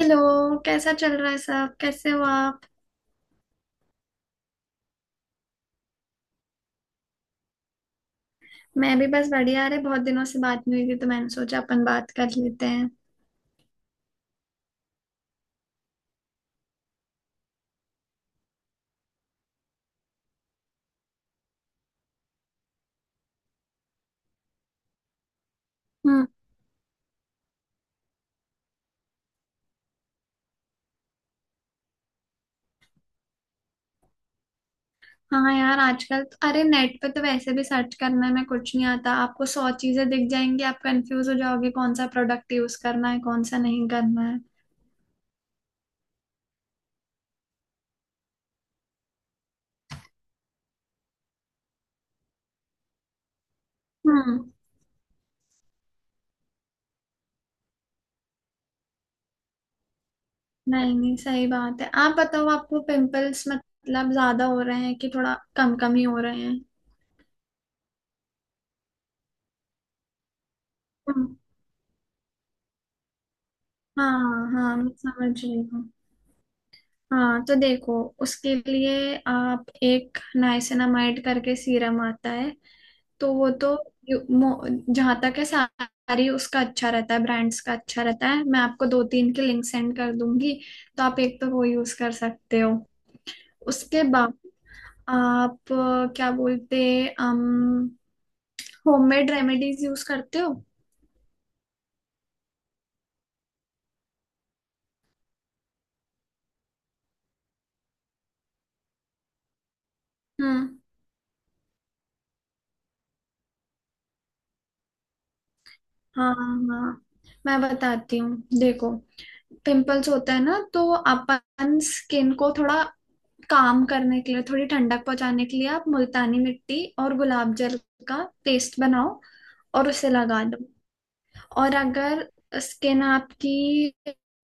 Hello. कैसा चल रहा है, सब कैसे हो आप? मैं भी बस बढ़िया। अरे बहुत दिनों से बात नहीं हुई थी तो मैंने सोचा अपन बात कर लेते हैं। हम्म। हाँ यार, आजकल तो, अरे नेट पे तो वैसे भी सर्च करने में कुछ नहीं आता, आपको सौ चीजें दिख जाएंगी, आप कंफ्यूज हो जाओगे कौन सा प्रोडक्ट यूज करना है कौन सा नहीं करना है। हम्म। नहीं नहीं, सही बात है। आप बताओ, आपको पिंपल्स मतलब ज्यादा हो रहे हैं कि थोड़ा कम कम ही हो रहे हैं? हम्म, हाँ हाँ, मैं समझ रही हूँ। हाँ तो देखो, उसके लिए आप एक नाइसिनामाइड करके सीरम आता है, तो वो तो यू- मो- जहाँ तक है सारी उसका अच्छा रहता है, ब्रांड्स का अच्छा रहता है। मैं आपको दो तीन के लिंक सेंड कर दूंगी, तो आप एक तो वो यूज कर सकते हो। उसके बाद आप अ, क्या बोलते अम होममेड रेमेडीज यूज करते हो? हम्म। हाँ हाँ, मैं बताती हूँ, देखो, पिंपल्स होता है ना तो अपन स्किन को थोड़ा काम करने के लिए, थोड़ी ठंडक पहुंचाने के लिए, आप मुल्तानी मिट्टी और गुलाब जल का पेस्ट बनाओ और उसे लगा दो। और अगर स्किन आपकी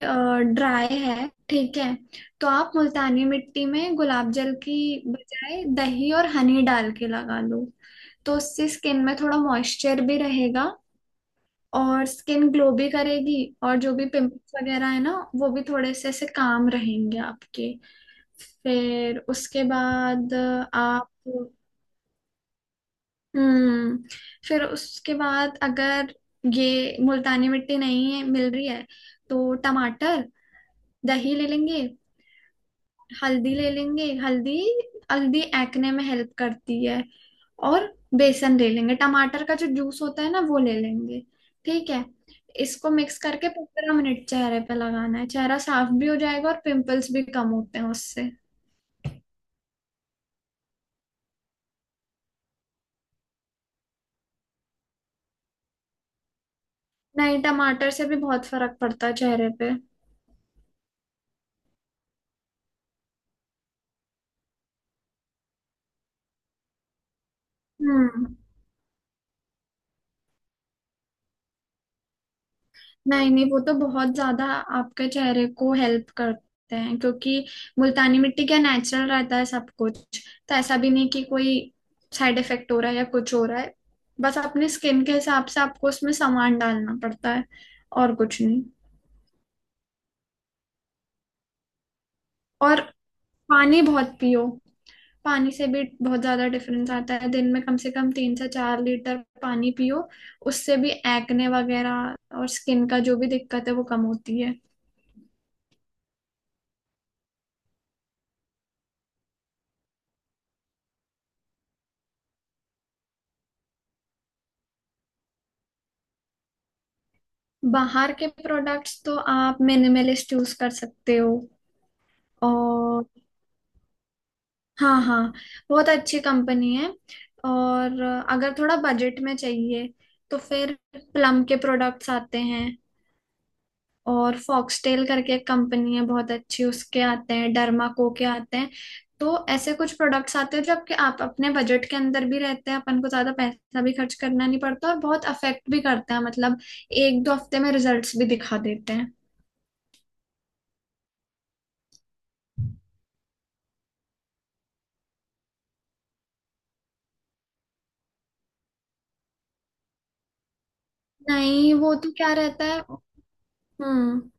ड्राई है, ठीक है, तो आप मुल्तानी मिट्टी में गुलाब जल की बजाय दही और हनी डाल के लगा दो। तो उससे स्किन में थोड़ा मॉइस्चर भी रहेगा और स्किन ग्लो भी करेगी, और जो भी पिंपल्स वगैरह है ना वो भी थोड़े से ऐसे काम रहेंगे आपके। फिर उसके बाद आप, हम्म, फिर उसके बाद अगर ये मुल्तानी मिट्टी नहीं है मिल रही है, तो टमाटर, दही ले लेंगे, हल्दी ले लेंगे, हल्दी, हल्दी एक्ने में हेल्प करती है, और बेसन ले लेंगे, टमाटर का जो जूस होता है ना वो ले लेंगे, ठीक है। इसको मिक्स करके 15 मिनट चेहरे पे लगाना है, चेहरा साफ भी हो जाएगा और पिंपल्स भी कम होते हैं उससे। नहीं, टमाटर से भी बहुत फर्क पड़ता है चेहरे पे। हम्म। नहीं नहीं, वो तो बहुत ज्यादा आपके चेहरे को हेल्प करते हैं, क्योंकि मुल्तानी मिट्टी क्या, नेचुरल रहता है सब कुछ, तो ऐसा भी नहीं कि कोई साइड इफेक्ट हो रहा है या कुछ हो रहा है, बस अपनी स्किन के हिसाब से आपको उसमें सामान डालना पड़ता है और कुछ नहीं। और पानी बहुत पियो, पानी से भी बहुत ज्यादा डिफरेंस आता है। दिन में कम से कम 3 से 4 लीटर पानी पियो, उससे भी एक्ने वगैरह और स्किन का जो भी दिक्कत है वो कम होती है। बाहर के प्रोडक्ट्स तो आप मिनिमलिस्ट यूज कर सकते हो। और हाँ हाँ, बहुत अच्छी कंपनी है। और अगर थोड़ा बजट में चाहिए तो फिर प्लम के प्रोडक्ट्स आते हैं, और फॉक्सटेल करके एक कंपनी है बहुत अच्छी उसके आते हैं, डर्मा को के आते हैं। तो ऐसे कुछ प्रोडक्ट्स आते हैं जो आपके, आप अपने बजट के अंदर भी रहते हैं, अपन को ज्यादा पैसा भी खर्च करना नहीं पड़ता और बहुत अफेक्ट भी करते हैं, मतलब 1 2 हफ्ते में रिजल्ट्स भी दिखा देते हैं। नहीं, वो तो क्या रहता है। हम्म।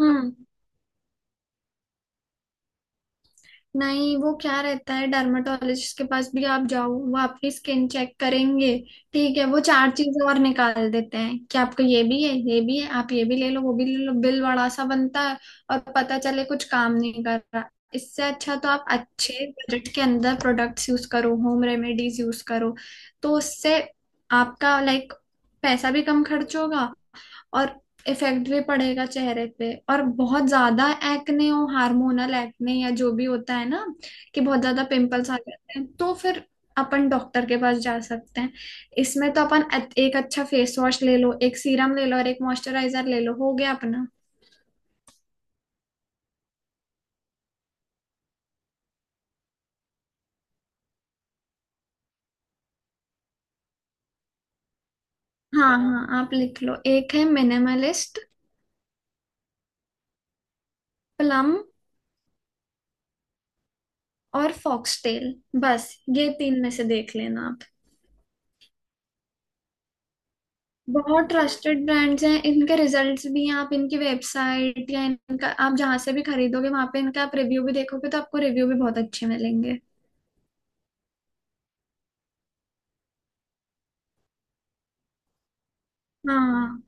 हम्म। नहीं, वो क्या रहता है, डर्मेटोलॉजिस्ट के पास भी आप जाओ, वो आपकी स्किन चेक करेंगे, ठीक है, वो चार चीजें और निकाल देते हैं कि आपको ये भी है ये भी है, आप ये भी ले लो वो भी ले लो, बिल बड़ा सा बनता है और पता चले कुछ काम नहीं कर रहा। इससे अच्छा तो आप अच्छे बजट के अंदर प्रोडक्ट्स यूज करो, होम रेमेडीज यूज करो, तो उससे आपका, लाइक, पैसा भी कम खर्च होगा और इफेक्ट भी पड़ेगा चेहरे पे। और बहुत ज्यादा एक्ने हो, हार्मोनल एक्ने या जो भी होता है ना, कि बहुत ज्यादा पिंपल्स आ जाते हैं, तो फिर अपन डॉक्टर के पास जा सकते हैं। इसमें तो अपन एक अच्छा फेस वॉश ले लो, एक सीरम ले लो और एक मॉइस्चराइजर ले लो, हो गया अपना। हाँ हाँ, आप लिख लो, एक है मिनिमलिस्ट, प्लम और फॉक्सटेल, बस ये तीन में से देख लेना। बहुत ट्रस्टेड ब्रांड्स हैं, इनके रिजल्ट्स भी हैं, आप इनकी वेबसाइट या इनका आप जहाँ से भी खरीदोगे वहां पे इनका आप रिव्यू भी देखोगे तो आपको रिव्यू भी बहुत अच्छे मिलेंगे। हाँ।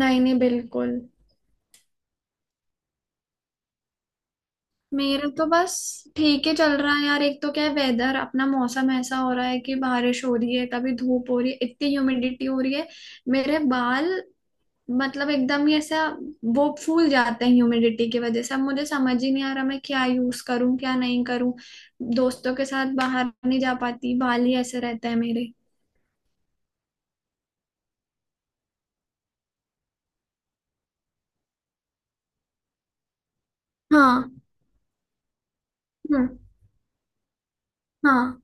नहीं नहीं, बिल्कुल। मेरा तो बस ठीक ही चल रहा है यार। एक तो क्या है, वेदर अपना, मौसम ऐसा हो रहा है कि बारिश हो रही है, कभी धूप हो रही है, इतनी ह्यूमिडिटी हो रही है। मेरे बाल, मतलब एकदम ही ऐसा वो फूल जाते हैं ह्यूमिडिटी की वजह से, अब मुझे समझ ही नहीं आ रहा मैं क्या यूज करूं क्या नहीं करूं। दोस्तों के साथ बाहर नहीं जा पाती, बाल ही ऐसे रहते हैं मेरे। हाँ। हम्म। हाँ।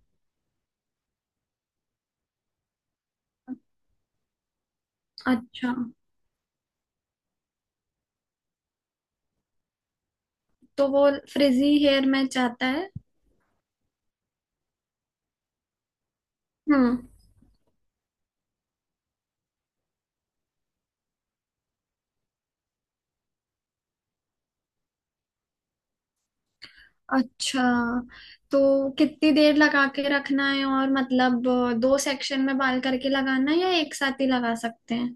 अच्छा, तो वो फ्रिजी हेयर में चाहता है? हम्म। अच्छा, तो कितनी देर लगा के रखना है, और मतलब दो सेक्शन में बाल करके लगाना है या एक साथ ही लगा सकते हैं?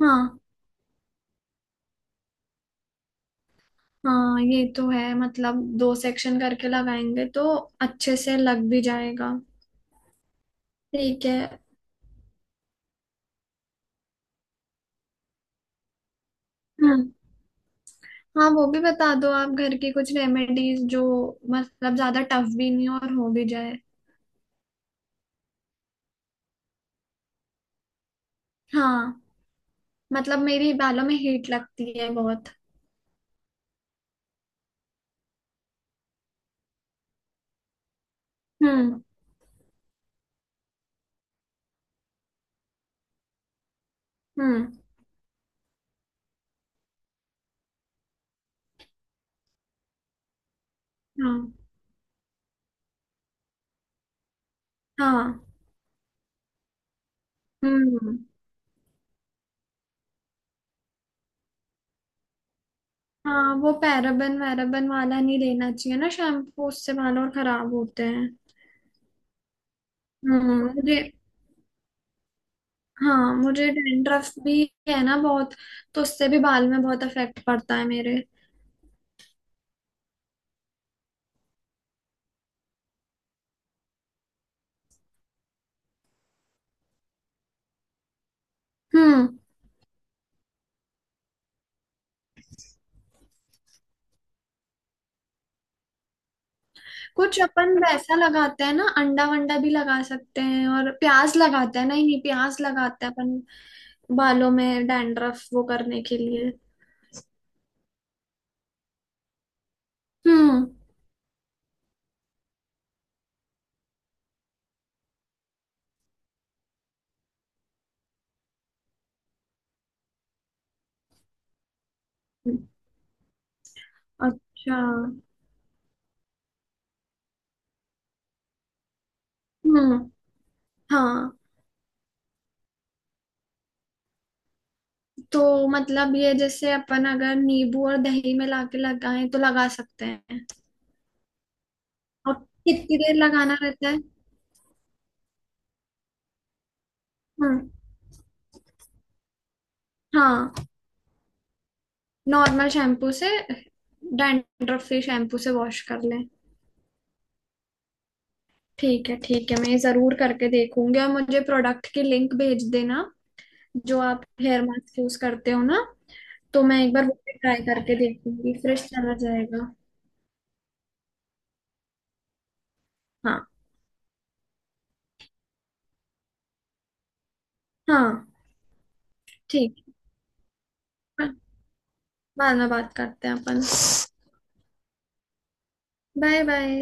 हाँ हाँ, ये तो है, मतलब दो सेक्शन करके लगाएंगे तो अच्छे से लग भी जाएगा। ठीक है। हम्म। हाँ वो भी बता दो, आप घर की कुछ रेमेडीज जो मतलब ज्यादा टफ भी नहीं और हो भी जाए। हाँ, मतलब मेरी बालों में हीट लगती है बहुत। हम्म। हम्म। हाँ हाँ। हम्म। हाँ वो पैराबन वैराबन वाला नहीं लेना चाहिए ना शैम्पू, उससे बाल और खराब होते हैं। हम्म, मुझे, हाँ मुझे डैंड्रफ भी है ना बहुत, तो उससे भी बाल में बहुत इफेक्ट पड़ता है मेरे। हम्म, कुछ अपन वैसा लगाते हैं ना, अंडा वंडा भी लगा सकते हैं, और प्याज लगाते हैं, नहीं नहीं, प्याज लगाते हैं अपन बालों में डैंड्रफ वो करने के लिए। हम्म। अच्छा। हम्म। हाँ तो मतलब ये जैसे अपन अगर नींबू और दही में लाके लगाएं तो लगा सकते हैं, और कितनी देर लगाना रहता है? हम्म। हाँ, नॉर्मल शैम्पू से, डैंड्रफ फ्री शैम्पू से वॉश कर लें। ठीक है ठीक है, मैं ये जरूर करके देखूंगी। और मुझे प्रोडक्ट की लिंक भेज देना, जो आप हेयर मास्क यूज करते हो ना, तो मैं एक बार वो भी ट्राई करके देखूंगी, फ्रेश चला जाएगा। हाँ। हाँ ठीक है, बाद में बात करते हैं अपन। Bye bye.